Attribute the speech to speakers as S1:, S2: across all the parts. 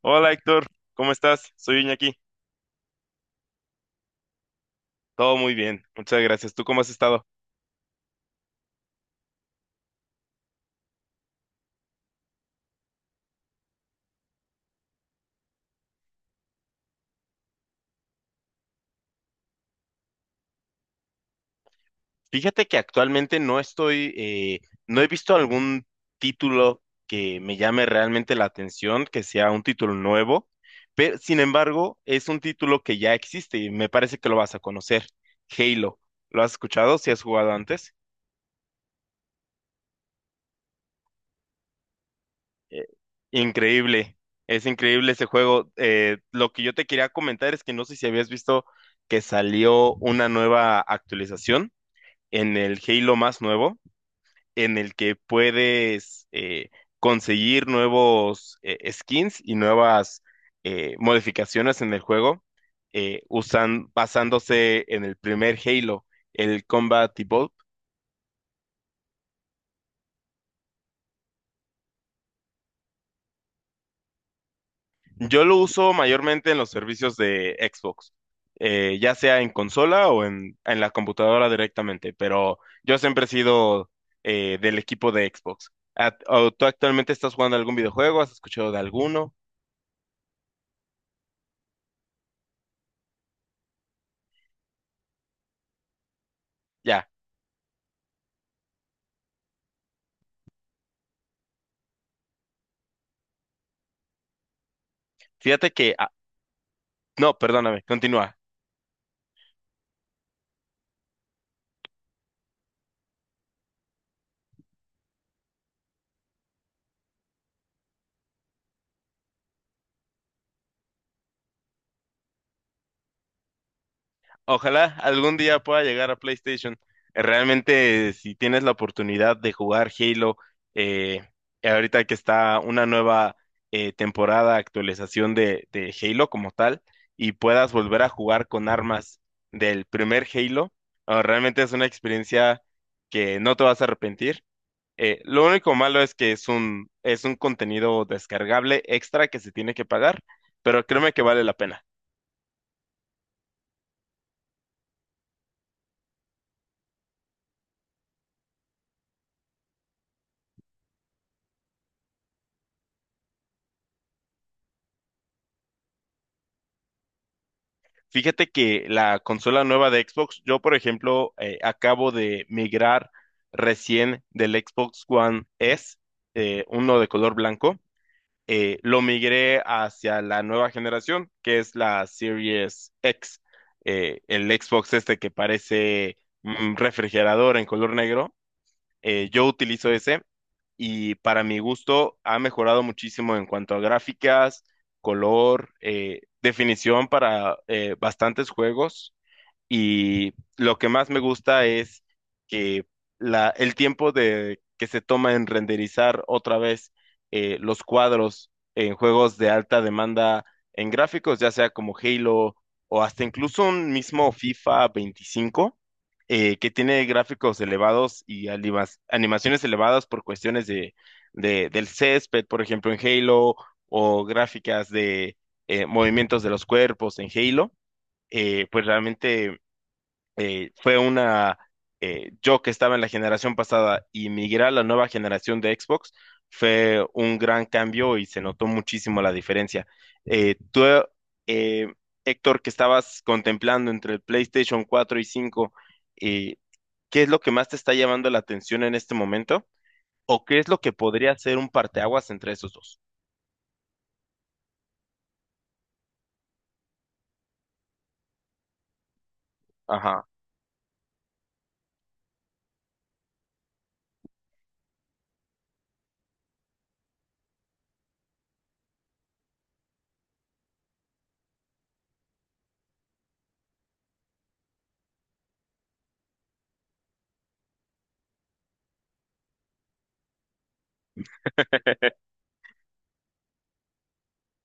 S1: Hola Héctor, ¿cómo estás? Soy Iñaki. Todo muy bien, muchas gracias. ¿Tú cómo has estado? Fíjate que actualmente no estoy, no he visto algún título que me llame realmente la atención, que sea un título nuevo, pero sin embargo es un título que ya existe y me parece que lo vas a conocer, Halo. ¿Lo has escuchado? ¿Si has jugado antes? Eh, Increíble, es increíble ese juego. Lo que yo te quería comentar es que no sé si habías visto que salió una nueva actualización en el Halo más nuevo, en el que puedes conseguir nuevos skins y nuevas modificaciones en el juego, basándose en el primer Halo, el Combat Evolved. Yo lo uso mayormente en los servicios de Xbox, ya sea en consola o en la computadora directamente, pero yo siempre he sido del equipo de Xbox. ¿A- o ¿Tú actualmente estás jugando algún videojuego? ¿Has escuchado de alguno? Ya. Fíjate que, no, perdóname, continúa. Ojalá algún día pueda llegar a PlayStation. Realmente, si tienes la oportunidad de jugar Halo, eh, ahorita que está una nueva temporada, actualización de Halo como tal, y puedas volver a jugar con armas del primer Halo, realmente es una experiencia que no te vas a arrepentir. Lo único malo es que es un contenido descargable extra que se tiene que pagar, pero créeme que vale la pena. Fíjate que la consola nueva de Xbox, yo por ejemplo acabo de migrar recién del Xbox One S, uno de color blanco, lo migré hacia la nueva generación, que es la Series X, el Xbox este que parece un refrigerador en color negro. Yo utilizo ese y para mi gusto ha mejorado muchísimo en cuanto a gráficas, color, definición para bastantes juegos. Y lo que más me gusta es que el tiempo que se toma en renderizar otra vez los cuadros en juegos de alta demanda en gráficos, ya sea como Halo o hasta incluso un mismo FIFA 25, que tiene gráficos elevados y animaciones elevadas por cuestiones del césped, por ejemplo, en Halo, o gráficas de movimientos de los cuerpos en Halo, pues realmente eh, fue una, yo que estaba en la generación pasada y migrar a la nueva generación de Xbox fue un gran cambio y se notó muchísimo la diferencia. Tú, eh, Héctor, que estabas contemplando entre el PlayStation 4 y cinco, eh, ¿qué es lo que más te está llamando la atención en este momento? ¿O qué es lo que podría ser un parteaguas entre esos dos? Ajá,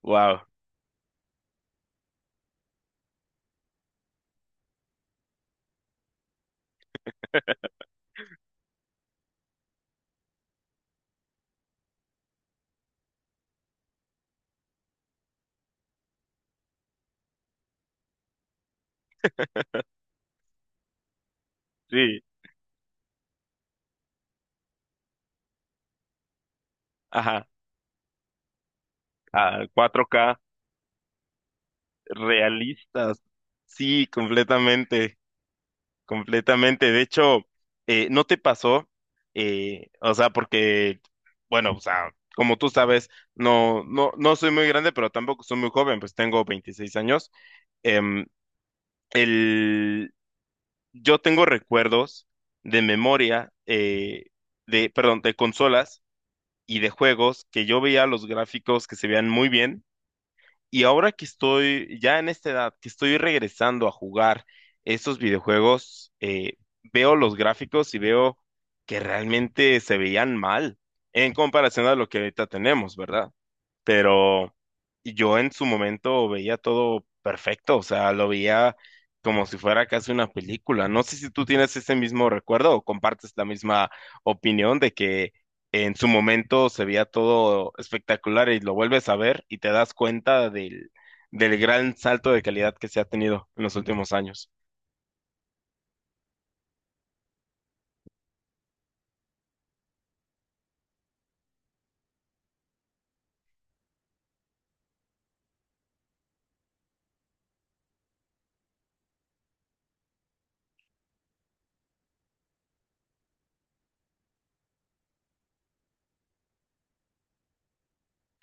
S1: wow, sí, ajá, a 4K realistas, sí, completamente. Completamente. De hecho, ¿no te pasó? O sea, porque, bueno, o sea, como tú sabes, no, no, no soy muy grande, pero tampoco soy muy joven, pues tengo 26 años. Em, el, yo tengo recuerdos de memoria, de, perdón, de consolas y de juegos que yo veía los gráficos que se veían muy bien, y ahora que estoy ya en esta edad, que estoy regresando a jugar estos videojuegos, veo los gráficos y veo que realmente se veían mal en comparación a lo que ahorita tenemos, ¿verdad? Pero yo en su momento veía todo perfecto, o sea, lo veía como si fuera casi una película. No sé si tú tienes ese mismo recuerdo o compartes la misma opinión de que en su momento se veía todo espectacular y lo vuelves a ver y te das cuenta del gran salto de calidad que se ha tenido en los últimos años.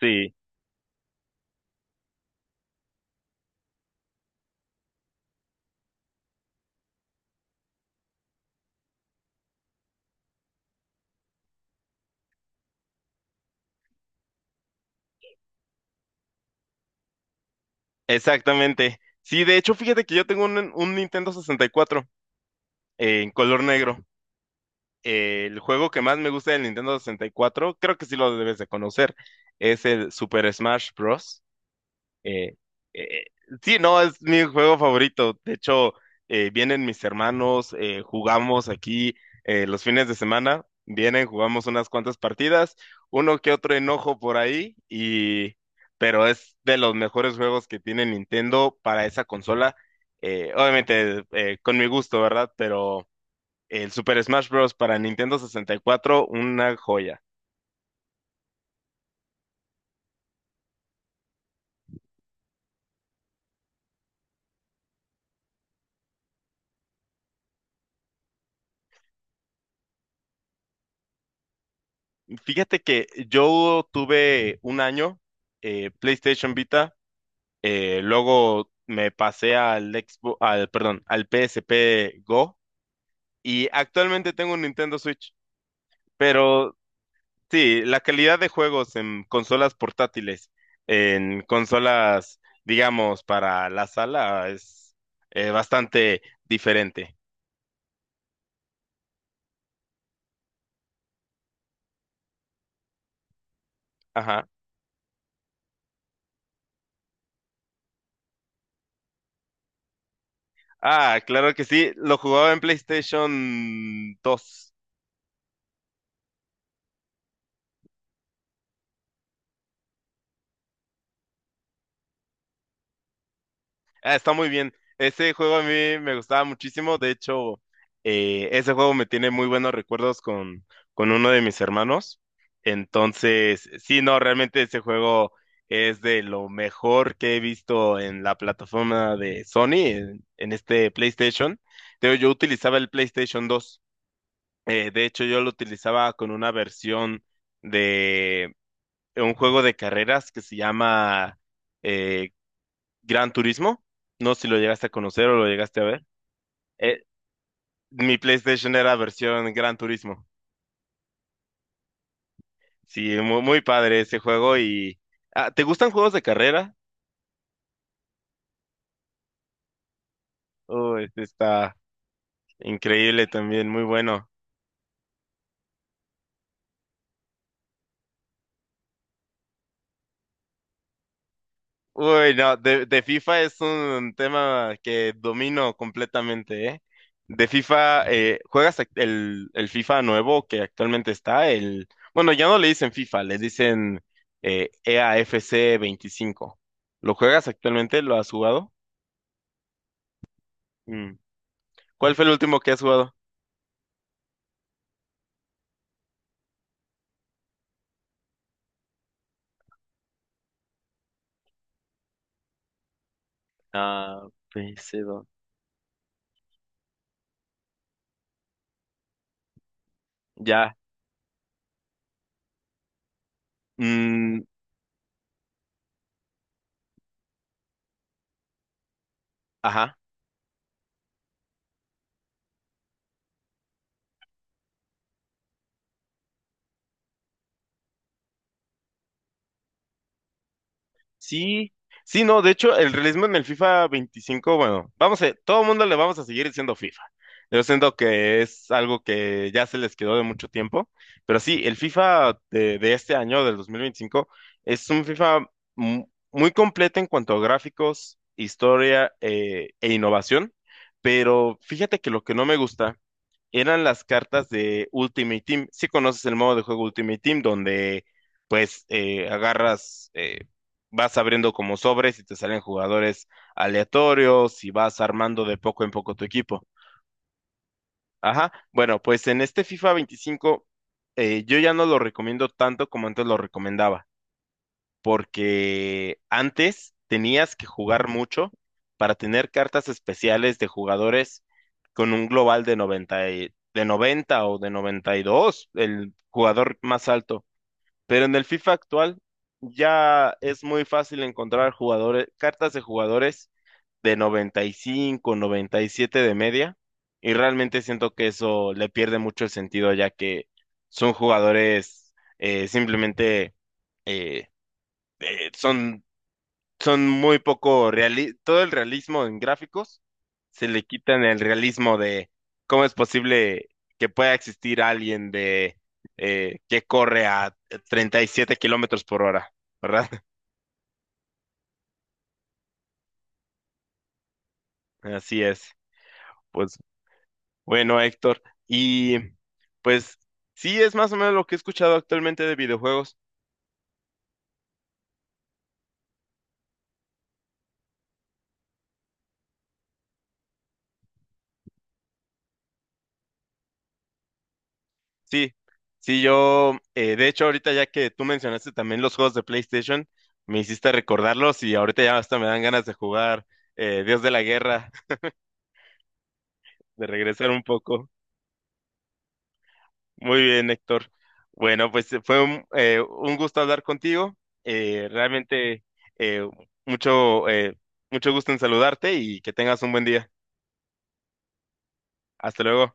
S1: Sí, exactamente. Sí, de hecho, fíjate que yo tengo un Nintendo 64 en color negro. El juego que más me gusta del Nintendo 64, creo que sí lo debes de conocer, es el Super Smash Bros. Eh, eh, sí, no, es mi juego favorito. De hecho, vienen mis hermanos, jugamos aquí los fines de semana, vienen, jugamos unas cuantas partidas, uno que otro enojo por ahí, pero es de los mejores juegos que tiene Nintendo para esa consola. Obviamente, con mi gusto, ¿verdad? Pero... El Super Smash Bros. Para Nintendo 64, una joya. Fíjate que yo tuve un año PlayStation Vita, luego me pasé al Xbox, al, perdón, al PSP Go, y actualmente tengo un Nintendo Switch. Pero sí, la calidad de juegos en consolas portátiles, en consolas, digamos, para la sala es bastante diferente. Ajá. Ah, claro que sí, lo jugaba en PlayStation 2. Ah, está muy bien. Ese juego a mí me gustaba muchísimo. De hecho, ese juego me tiene muy buenos recuerdos con uno de mis hermanos. Entonces, sí, no, realmente ese juego es de lo mejor que he visto en la plataforma de Sony, en este PlayStation. Yo utilizaba el PlayStation 2. De hecho, yo lo utilizaba con una versión de un juego de carreras que se llama eh, Gran Turismo. No sé si lo llegaste a conocer o lo llegaste a ver. Eh, Mi PlayStation era versión Gran Turismo. Sí, muy, muy padre ese juego y... Ah, ¿te gustan juegos de carrera? Oh, este está increíble también, muy bueno. Uy, no, de FIFA es un tema que domino completamente, ¿eh? De FIFA, ¿juegas el FIFA nuevo que actualmente está? El, bueno, ya no le dicen FIFA, le dicen EAFC 25. ¿Lo juegas actualmente? ¿Lo has jugado? Mm. ¿Cuál fue el último que has jugado? Ah, pc dos. Ya. Mm, ajá. Sí, sí, no, de hecho, el realismo en el FIFA 25, bueno, todo el mundo le vamos a seguir diciendo FIFA. Yo siento que es algo que ya se les quedó de mucho tiempo, pero sí, el FIFA de este año, del 2025, es un FIFA muy completo en cuanto a gráficos, historia, e innovación, pero fíjate que lo que no me gusta eran las cartas de Ultimate Team. Si conoces el modo de juego Ultimate Team, donde pues vas abriendo como sobres y te salen jugadores aleatorios y vas armando de poco en poco tu equipo. Ajá, bueno, pues en este FIFA 25, yo ya no lo recomiendo tanto como antes lo recomendaba, porque antes tenías que jugar mucho para tener cartas especiales de jugadores con un global de de 90 o de 92, el jugador más alto. Pero en el FIFA actual ya es muy fácil encontrar jugadores, cartas de jugadores de 90, 95, 97 de media. Y realmente siento que eso le pierde mucho el sentido, ya que son jugadores simplemente eh, son son muy poco reali todo el realismo en gráficos se le quitan el realismo de cómo es posible que pueda existir alguien de que corre a 37 km/h, ¿verdad? Así es. Pues bueno, Héctor. Y pues sí, es más o menos lo que he escuchado actualmente de videojuegos. Sí, sí, yo, de hecho, ahorita ya que tú mencionaste también los juegos de PlayStation, me hiciste recordarlos y ahorita ya hasta me dan ganas de jugar Dios de la Guerra, de regresar un poco. Muy bien, Héctor. Bueno, pues fue un gusto hablar contigo. Realmente, eh, mucho, mucho gusto en saludarte y que tengas un buen día. Hasta luego.